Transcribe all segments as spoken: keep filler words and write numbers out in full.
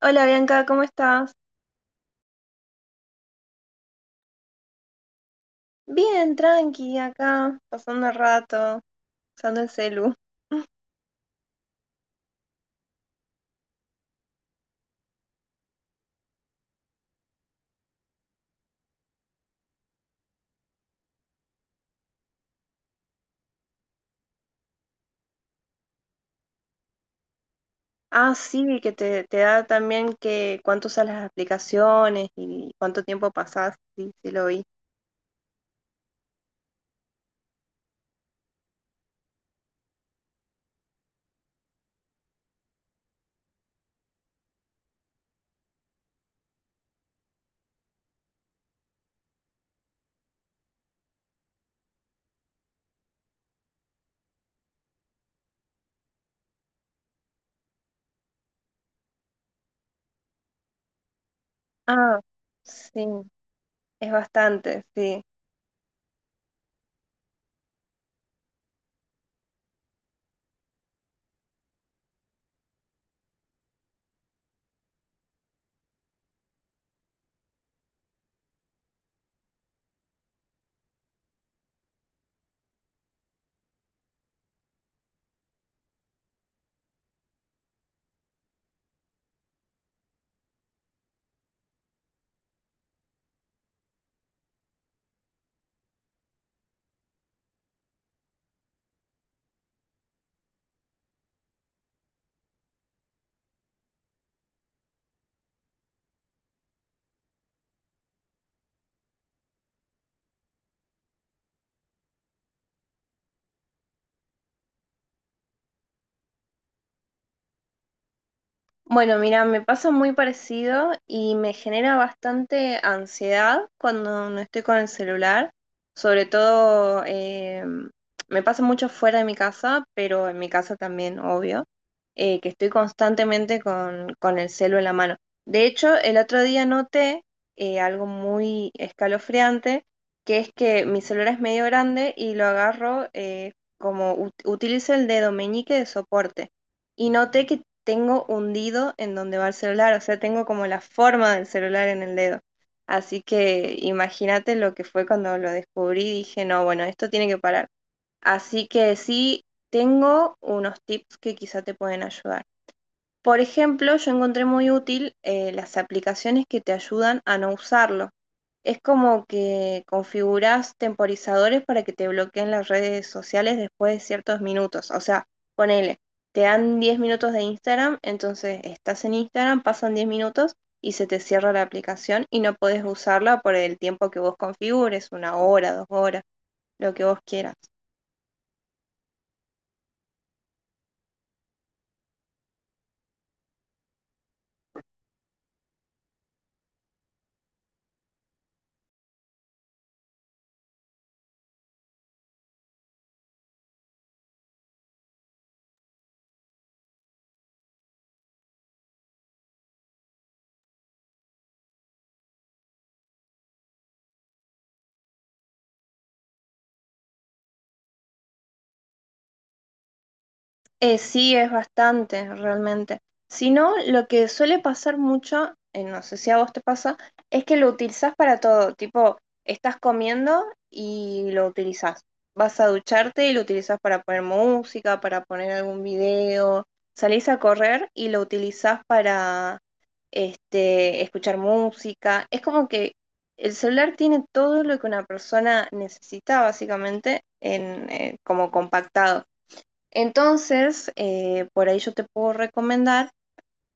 Hola Bianca, ¿cómo estás? Bien, tranqui, acá, pasando el rato, usando el celu. Ah, sí, que te, te da también que cuánto usas las aplicaciones y cuánto tiempo pasás, sí, sí lo vi. Ah, sí, es bastante, sí. Bueno, mira, me pasa muy parecido y me genera bastante ansiedad cuando no estoy con el celular. Sobre todo, eh, me pasa mucho fuera de mi casa, pero en mi casa también, obvio, eh, que estoy constantemente con, con el celu en la mano. De hecho, el otro día noté eh, algo muy escalofriante, que es que mi celular es medio grande y lo agarro eh, como ut- utilizo el dedo meñique de soporte y noté que tengo hundido en donde va el celular, o sea, tengo como la forma del celular en el dedo. Así que imagínate lo que fue cuando lo descubrí, dije, no, bueno, esto tiene que parar. Así que sí, tengo unos tips que quizá te pueden ayudar. Por ejemplo, yo encontré muy útil eh, las aplicaciones que te ayudan a no usarlo. Es como que configurás temporizadores para que te bloqueen las redes sociales después de ciertos minutos. O sea, ponele, te dan diez minutos de Instagram, entonces estás en Instagram, pasan diez minutos y se te cierra la aplicación y no podés usarla por el tiempo que vos configures, una hora, dos horas, lo que vos quieras. Eh, sí, es bastante, realmente. Si no, lo que suele pasar mucho, eh, no sé si a vos te pasa, es que lo utilizás para todo. Tipo, estás comiendo y lo utilizás. Vas a ducharte y lo utilizás para poner música, para poner algún video. Salís a correr y lo utilizás para este, escuchar música. Es como que el celular tiene todo lo que una persona necesita, básicamente, en, eh, como compactado. Entonces, eh, por ahí yo te puedo recomendar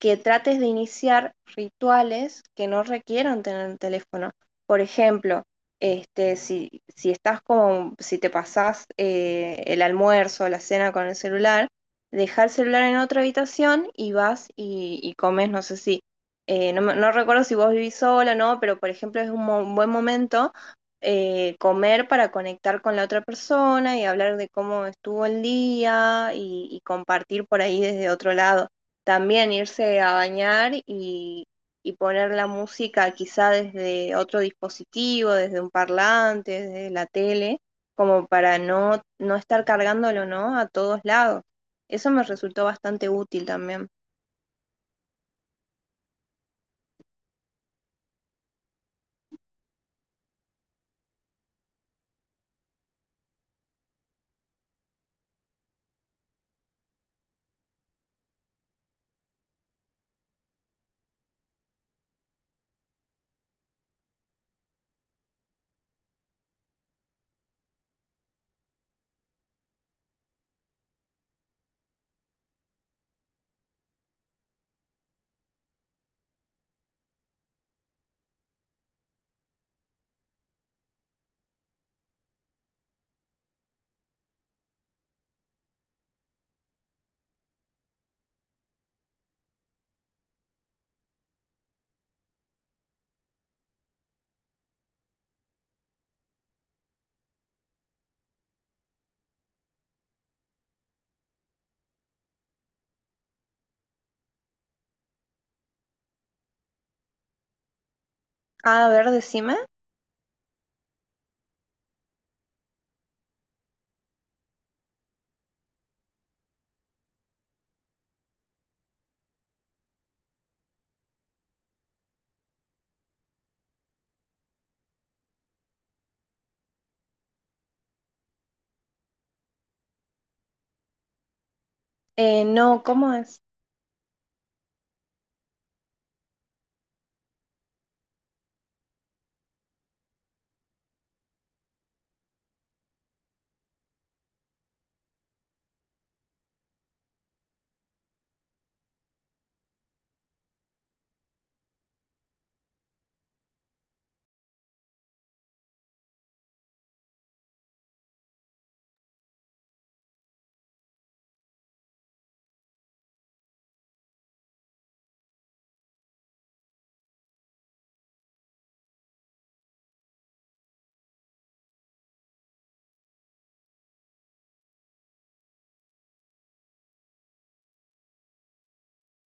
que trates de iniciar rituales que no requieran tener el teléfono. Por ejemplo, este, si, si estás como, si te pasás eh, el almuerzo o la cena con el celular, deja el celular en otra habitación y vas y, y comes, no sé si, eh, no, me- no recuerdo si vos vivís sola, no, pero por ejemplo es un, mo- un buen momento eh, comer para conectar con la otra persona y hablar de cómo estuvo el día y, y compartir por ahí desde otro lado también irse a bañar y, y poner la música quizá desde otro dispositivo, desde un parlante, desde la tele, como para no, no estar cargándolo, ¿no? A todos lados. Eso me resultó bastante útil también. Ah, a ver, decime. Eh, no, ¿cómo es?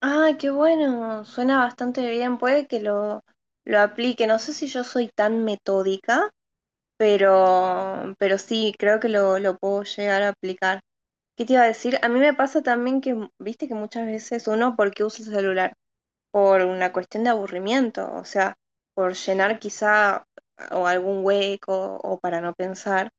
Ah, qué bueno, suena bastante bien, puede que lo, lo aplique. No sé si yo soy tan metódica, pero, pero sí, creo que lo, lo puedo llegar a aplicar. ¿Qué te iba a decir? A mí me pasa también que, viste que muchas veces uno, ¿por qué usa el celular? Por una cuestión de aburrimiento, o sea, por llenar quizá o algún hueco o para no pensar.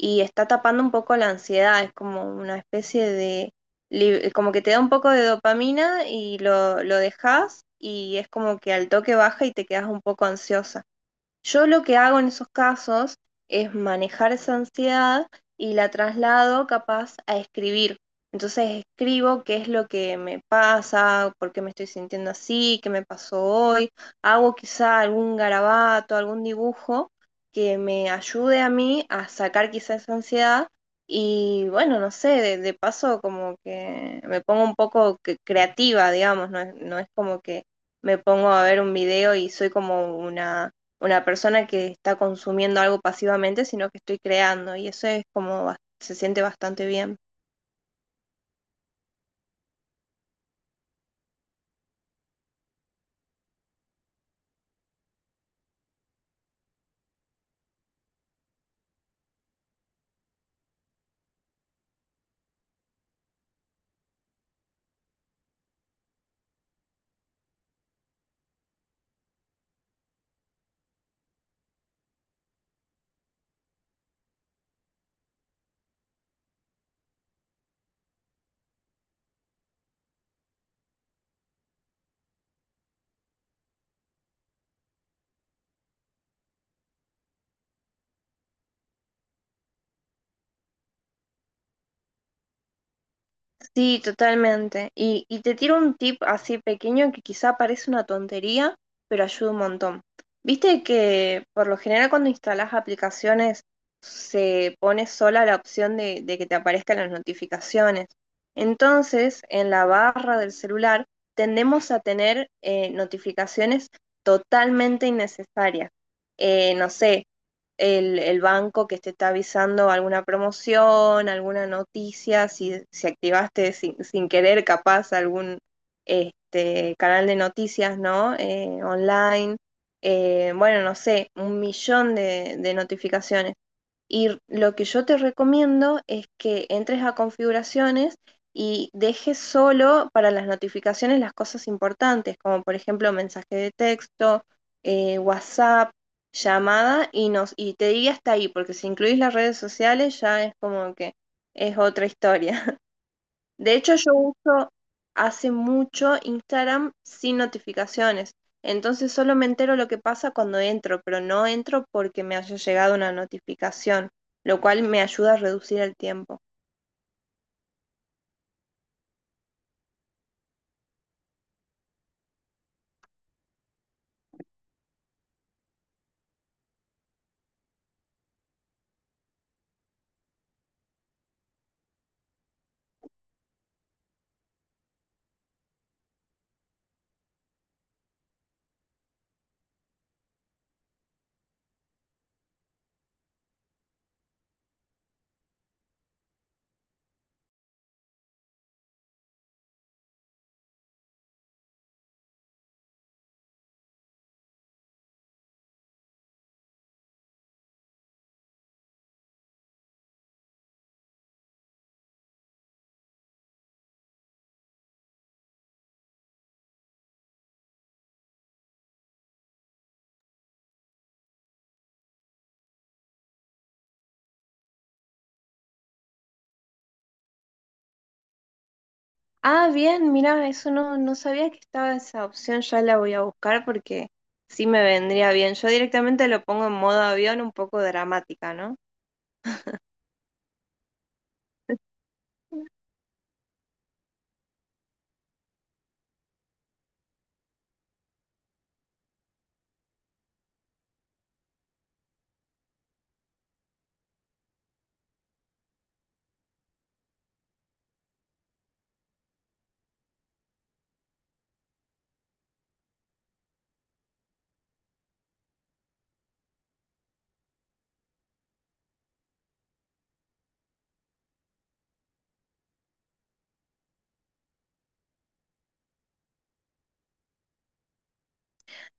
Y está tapando un poco la ansiedad, es como una especie de, li- como que te da un poco de dopamina y lo, lo dejas y es como que al toque baja y te quedas un poco ansiosa. Yo lo que hago en esos casos es manejar esa ansiedad y la traslado capaz a escribir. Entonces escribo qué es lo que me pasa, por qué me estoy sintiendo así, qué me pasó hoy. Hago quizá algún garabato, algún dibujo que me ayude a mí a sacar quizá esa ansiedad. Y bueno, no sé, de, de paso como que me pongo un poco que- creativa, digamos, no es, no es como que me pongo a ver un video y soy como una una persona que está consumiendo algo pasivamente, sino que estoy creando y eso es como, bas- se siente bastante bien. Sí, totalmente. Y, y te tiro un tip así pequeño que quizá parece una tontería, pero ayuda un montón. Viste que por lo general cuando instalas aplicaciones se pone sola la opción de, de que te aparezcan las notificaciones. Entonces, en la barra del celular tendemos a tener eh, notificaciones totalmente innecesarias. Eh, no sé, el, el banco que te está avisando alguna promoción, alguna noticia, si, si activaste sin, sin querer capaz algún este, canal de noticias, ¿no? Eh, online. Eh, bueno, no sé, un millón de, de notificaciones. Y lo que yo te recomiendo es que entres a configuraciones y dejes solo para las notificaciones las cosas importantes, como por ejemplo mensaje de texto, eh, WhatsApp, llamada y, nos, y te diría hasta ahí, porque si incluís las redes sociales ya es como que es otra historia. De hecho, yo uso hace mucho Instagram sin notificaciones. Entonces solo me entero lo que pasa cuando entro, pero no entro porque me haya llegado una notificación, lo cual me ayuda a reducir el tiempo. Ah, bien, mira, eso no, no sabía que estaba esa opción, ya la voy a buscar porque sí me vendría bien. Yo directamente lo pongo en modo avión un poco dramática, ¿no?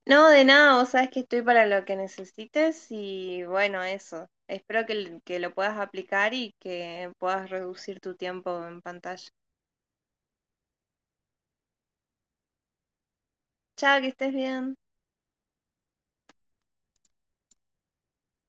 No, de nada, vos sabes que estoy para lo que necesites y bueno, eso. Espero que, l- que lo puedas aplicar y que puedas reducir tu tiempo en pantalla. Chao, que estés bien.